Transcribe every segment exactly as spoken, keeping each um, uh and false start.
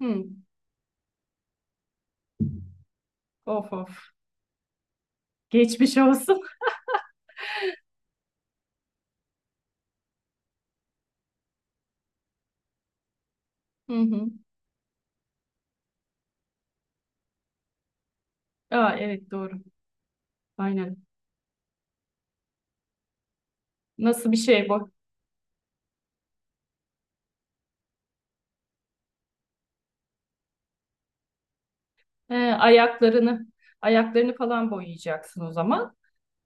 Hı. Of of. Geçmiş olsun. Hı hı. Aa, evet doğru. Aynen. Nasıl bir şey bu? Ee, ayaklarını ayaklarını falan boyayacaksın o zaman.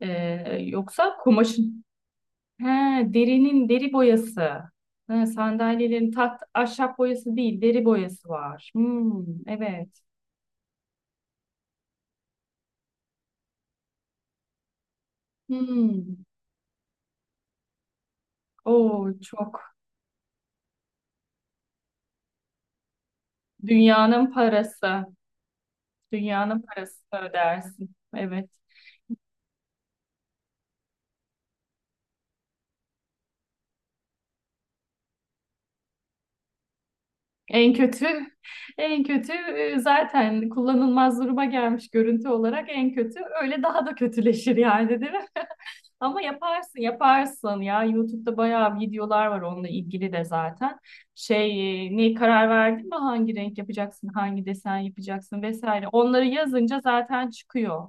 Ee, yoksa kumaşın. He, derinin deri boyası. He, sandalyelerin tat ahşap boyası değil, deri boyası var. Hmm, evet. Hmm. Oo, çok. Dünyanın parası. Dünyanın parası ödersin. Evet. En kötü, en kötü e, zaten kullanılmaz duruma gelmiş görüntü olarak en kötü. Öyle daha da kötüleşir yani değil mi? Ama yaparsın, yaparsın ya. YouTube'da bayağı videolar var onunla ilgili de zaten. Şey, e, ne karar verdin mi? Hangi renk yapacaksın, hangi desen yapacaksın vesaire. Onları yazınca zaten çıkıyor.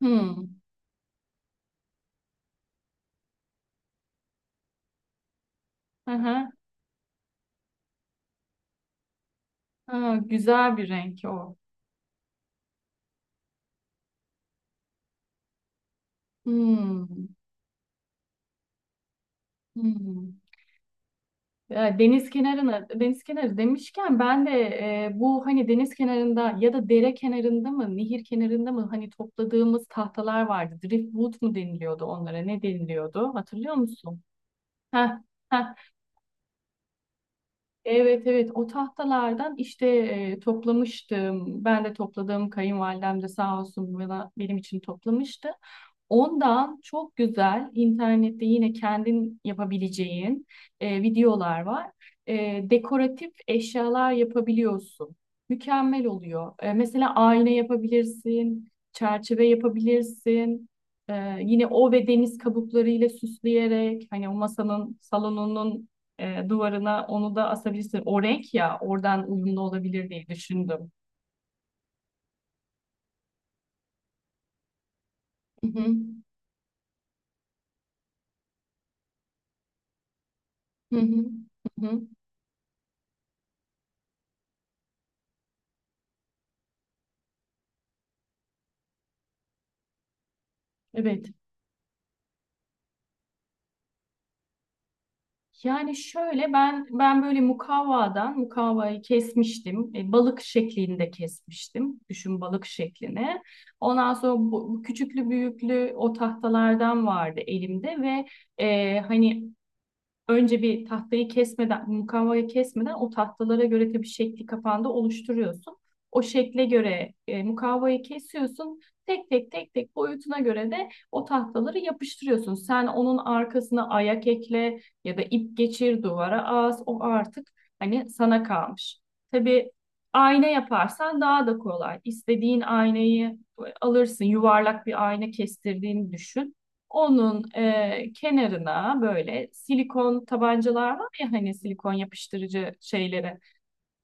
Hmm. Hı hı. Ha, güzel bir renk o. Hmm. Hmm. Ya Deniz kenarına, deniz kenarı demişken ben de e, bu hani deniz kenarında ya da dere kenarında mı, nehir kenarında mı hani topladığımız tahtalar vardı. Driftwood mu deniliyordu onlara? Ne deniliyordu? Hatırlıyor musun? Heh, heh. Evet evet o tahtalardan işte e, toplamıştım. Ben de topladım. Kayınvalidem de sağ olsun bana, benim için toplamıştı. Ondan çok güzel internette yine kendin yapabileceğin e, videolar var. E, dekoratif eşyalar yapabiliyorsun. Mükemmel oluyor. E, mesela ayna yapabilirsin, çerçeve yapabilirsin. E, yine o ve deniz kabuklarıyla süsleyerek hani o masanın, salonunun e, duvarına onu da asabilirsin. O renk ya oradan uyumlu olabilir diye düşündüm. Hı hı. Hı hı. Hı hı. Evet. Yani şöyle ben ben böyle mukavvadan mukavvayı kesmiştim. E, balık şeklinde kesmiştim. Düşün balık şeklini. Ondan sonra bu, bu küçüklü büyüklü o tahtalardan vardı elimde ve e, hani önce bir tahtayı kesmeden, mukavvayı kesmeden o tahtalara göre tabii şekli kafanda oluşturuyorsun. O şekle göre e, mukavvayı kesiyorsun. Tek tek tek tek boyutuna göre de o tahtaları yapıştırıyorsun. Sen onun arkasına ayak ekle ya da ip geçir duvara as. O artık hani sana kalmış. Tabii ayna yaparsan daha da kolay. İstediğin aynayı e, alırsın. Yuvarlak bir ayna kestirdiğini düşün. Onun e, kenarına böyle silikon tabancalar var ya hani silikon yapıştırıcı şeyleri.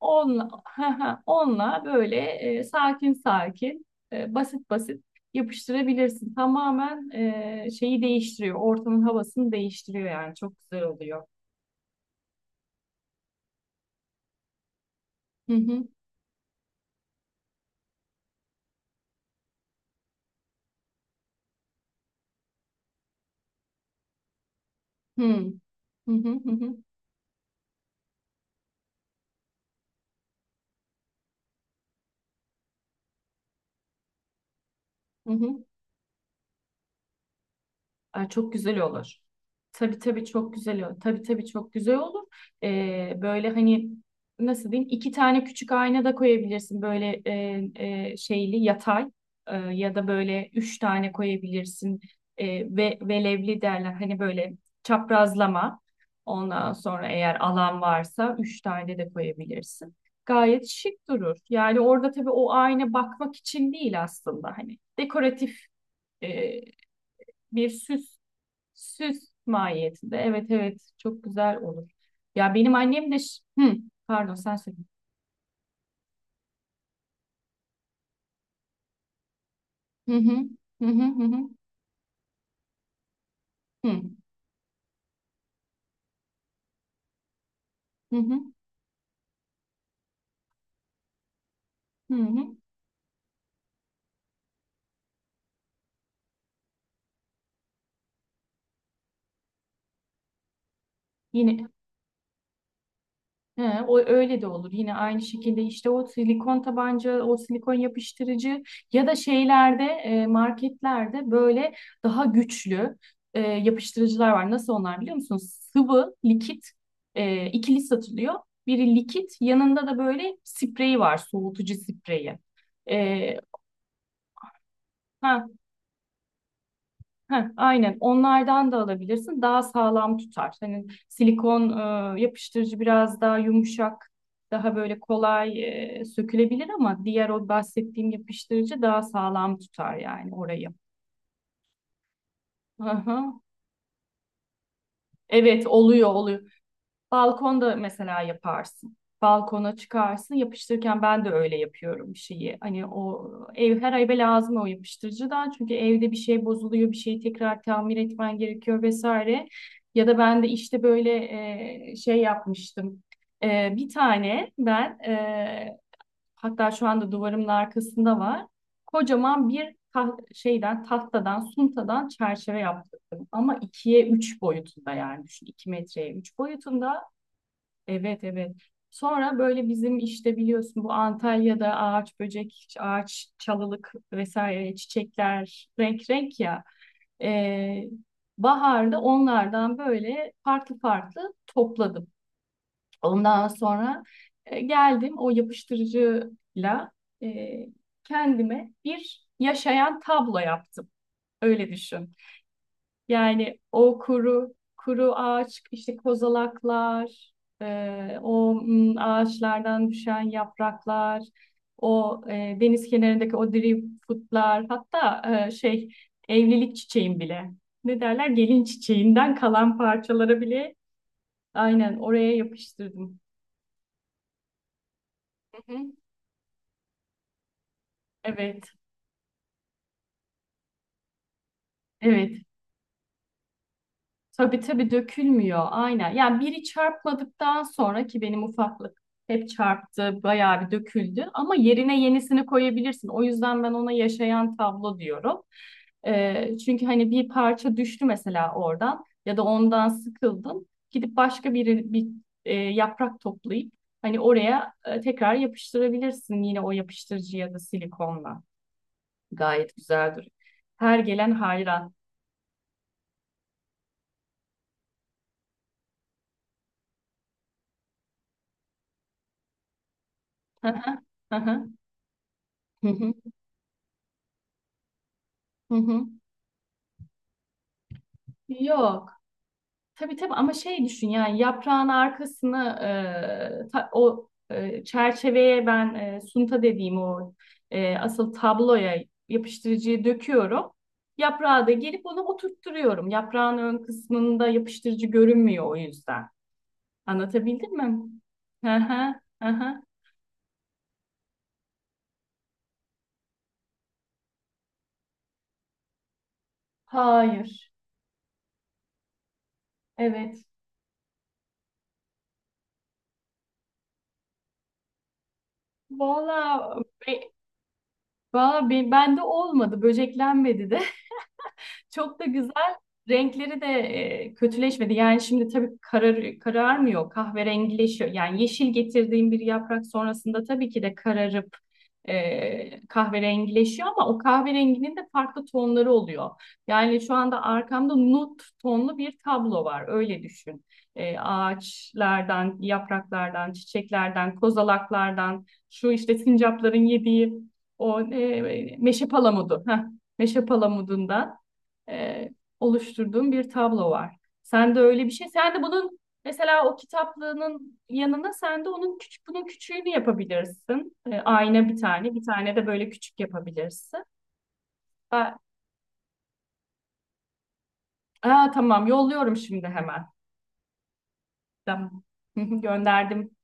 onla onunla böyle e, sakin sakin e, basit basit yapıştırabilirsin. Tamamen e, şeyi değiştiriyor. Ortamın havasını değiştiriyor yani çok güzel oluyor. Hı hı. Hı hı hı hı hı hı. Ay, çok güzel olur. Tabii tabii çok güzel olur. Tabii tabii çok güzel olur. Ee, böyle hani nasıl diyeyim iki tane küçük ayna da koyabilirsin. Böyle e, e, şeyli yatay e, ya da böyle üç tane koyabilirsin. E, ve velevli derler. Hani böyle çaprazlama. Ondan sonra eğer alan varsa üç tane de koyabilirsin. Gayet şık durur. Yani orada tabii o ayna bakmak için değil aslında. Hani dekoratif e, bir süs. Süs mahiyetinde. Evet evet çok güzel olur. Ya benim annem de ş- hı, pardon sen söyle. Hı hı. Hı hı hı hı. Hı hı hı. Hı hı. Yine He, o öyle de olur. Yine aynı şekilde işte o silikon tabanca, o silikon yapıştırıcı ya da şeylerde e, marketlerde böyle daha güçlü e, yapıştırıcılar var. Nasıl onlar biliyor musunuz? Sıvı, likit e, ikili satılıyor. Biri likit, yanında da böyle spreyi var, soğutucu spreyi. E, ha, Heh, aynen onlardan da alabilirsin. Daha sağlam tutar. Hani silikon e, yapıştırıcı biraz daha yumuşak, daha böyle kolay e, sökülebilir ama diğer o bahsettiğim yapıştırıcı daha sağlam tutar yani orayı. Hı hı. Evet oluyor oluyor. Balkonda mesela yaparsın. Balkona çıkarsın. Yapıştırırken ben de öyle yapıyorum bir şeyi. Hani o ev her eve lazım o yapıştırıcıdan. Çünkü evde bir şey bozuluyor, bir şeyi tekrar tamir etmen gerekiyor vesaire. Ya da ben de işte böyle e, şey yapmıştım. E, bir tane ben e, Hatta şu anda duvarımın arkasında var. Kocaman bir taht şeyden tahtadan suntadan çerçeve yaptırdım. Ama ikiye üç boyutunda yani düşün. İki metreye üç boyutunda. Evet evet. Sonra böyle bizim işte biliyorsun bu Antalya'da ağaç böcek, ağaç çalılık vesaire çiçekler renk renk ya. Ee, Baharda onlardan böyle farklı farklı topladım. Ondan sonra e, geldim o yapıştırıcıyla e, kendime bir yaşayan tablo yaptım. Öyle düşün. Yani o kuru kuru ağaç, işte kozalaklar, e, o mm, ağaçlardan düşen yapraklar, o e, deniz kenarındaki o driftwoodlar, hatta e, şey evlilik çiçeğin bile. Ne derler? Gelin çiçeğinden kalan parçalara bile aynen oraya yapıştırdım. Hı hı. Evet, evet. Tabii tabii dökülmüyor aynen. Yani biri çarpmadıktan sonra ki benim ufaklık hep çarptı, bayağı bir döküldü ama yerine yenisini koyabilirsin. O yüzden ben ona yaşayan tablo diyorum. Ee, çünkü hani bir parça düştü mesela oradan ya da ondan sıkıldın. Gidip başka bir, bir e, yaprak toplayıp hani oraya e, tekrar yapıştırabilirsin yine o yapıştırıcı ya da silikonla. Gayet güzel duruyor. Her gelen hayran. Hı hı, hı hı, hı hı, hı hı. Yok. Tabii tabii ama şey düşün yani yaprağın arkasını e, ta- o e, çerçeveye ben e, sunta dediğim o e, asıl tabloya yapıştırıcıyı döküyorum. Yaprağı da gelip onu oturtturuyorum. Yaprağın ön kısmında yapıştırıcı görünmüyor o yüzden. Anlatabildim mi? Hı hı, hı hı. Hayır. Evet. Valla be, Valla be- bende olmadı. Böceklenmedi de. Çok da güzel. Renkleri de e, kötüleşmedi. Yani şimdi tabii karar, kararmıyor, kahverengileşiyor. Yani yeşil getirdiğim bir yaprak sonrasında tabii ki de kararıp e, kahverengileşiyor ama o kahverenginin de farklı tonları oluyor. Yani şu anda arkamda nut tonlu bir tablo var. Öyle düşün. E, ağaçlardan, yapraklardan, çiçeklerden, kozalaklardan, şu işte sincapların yediği o e, meşe palamudu. Heh, meşe palamudundan e, oluşturduğum bir tablo var. Sen de öyle bir şey. Sen de bunun mesela o kitaplığının yanına sen de onun küçük bunun küçüğünü yapabilirsin. E, ayna bir tane, bir tane de böyle küçük yapabilirsin. Ben- Aa, tamam yolluyorum şimdi hemen. Tamam. Gönderdim.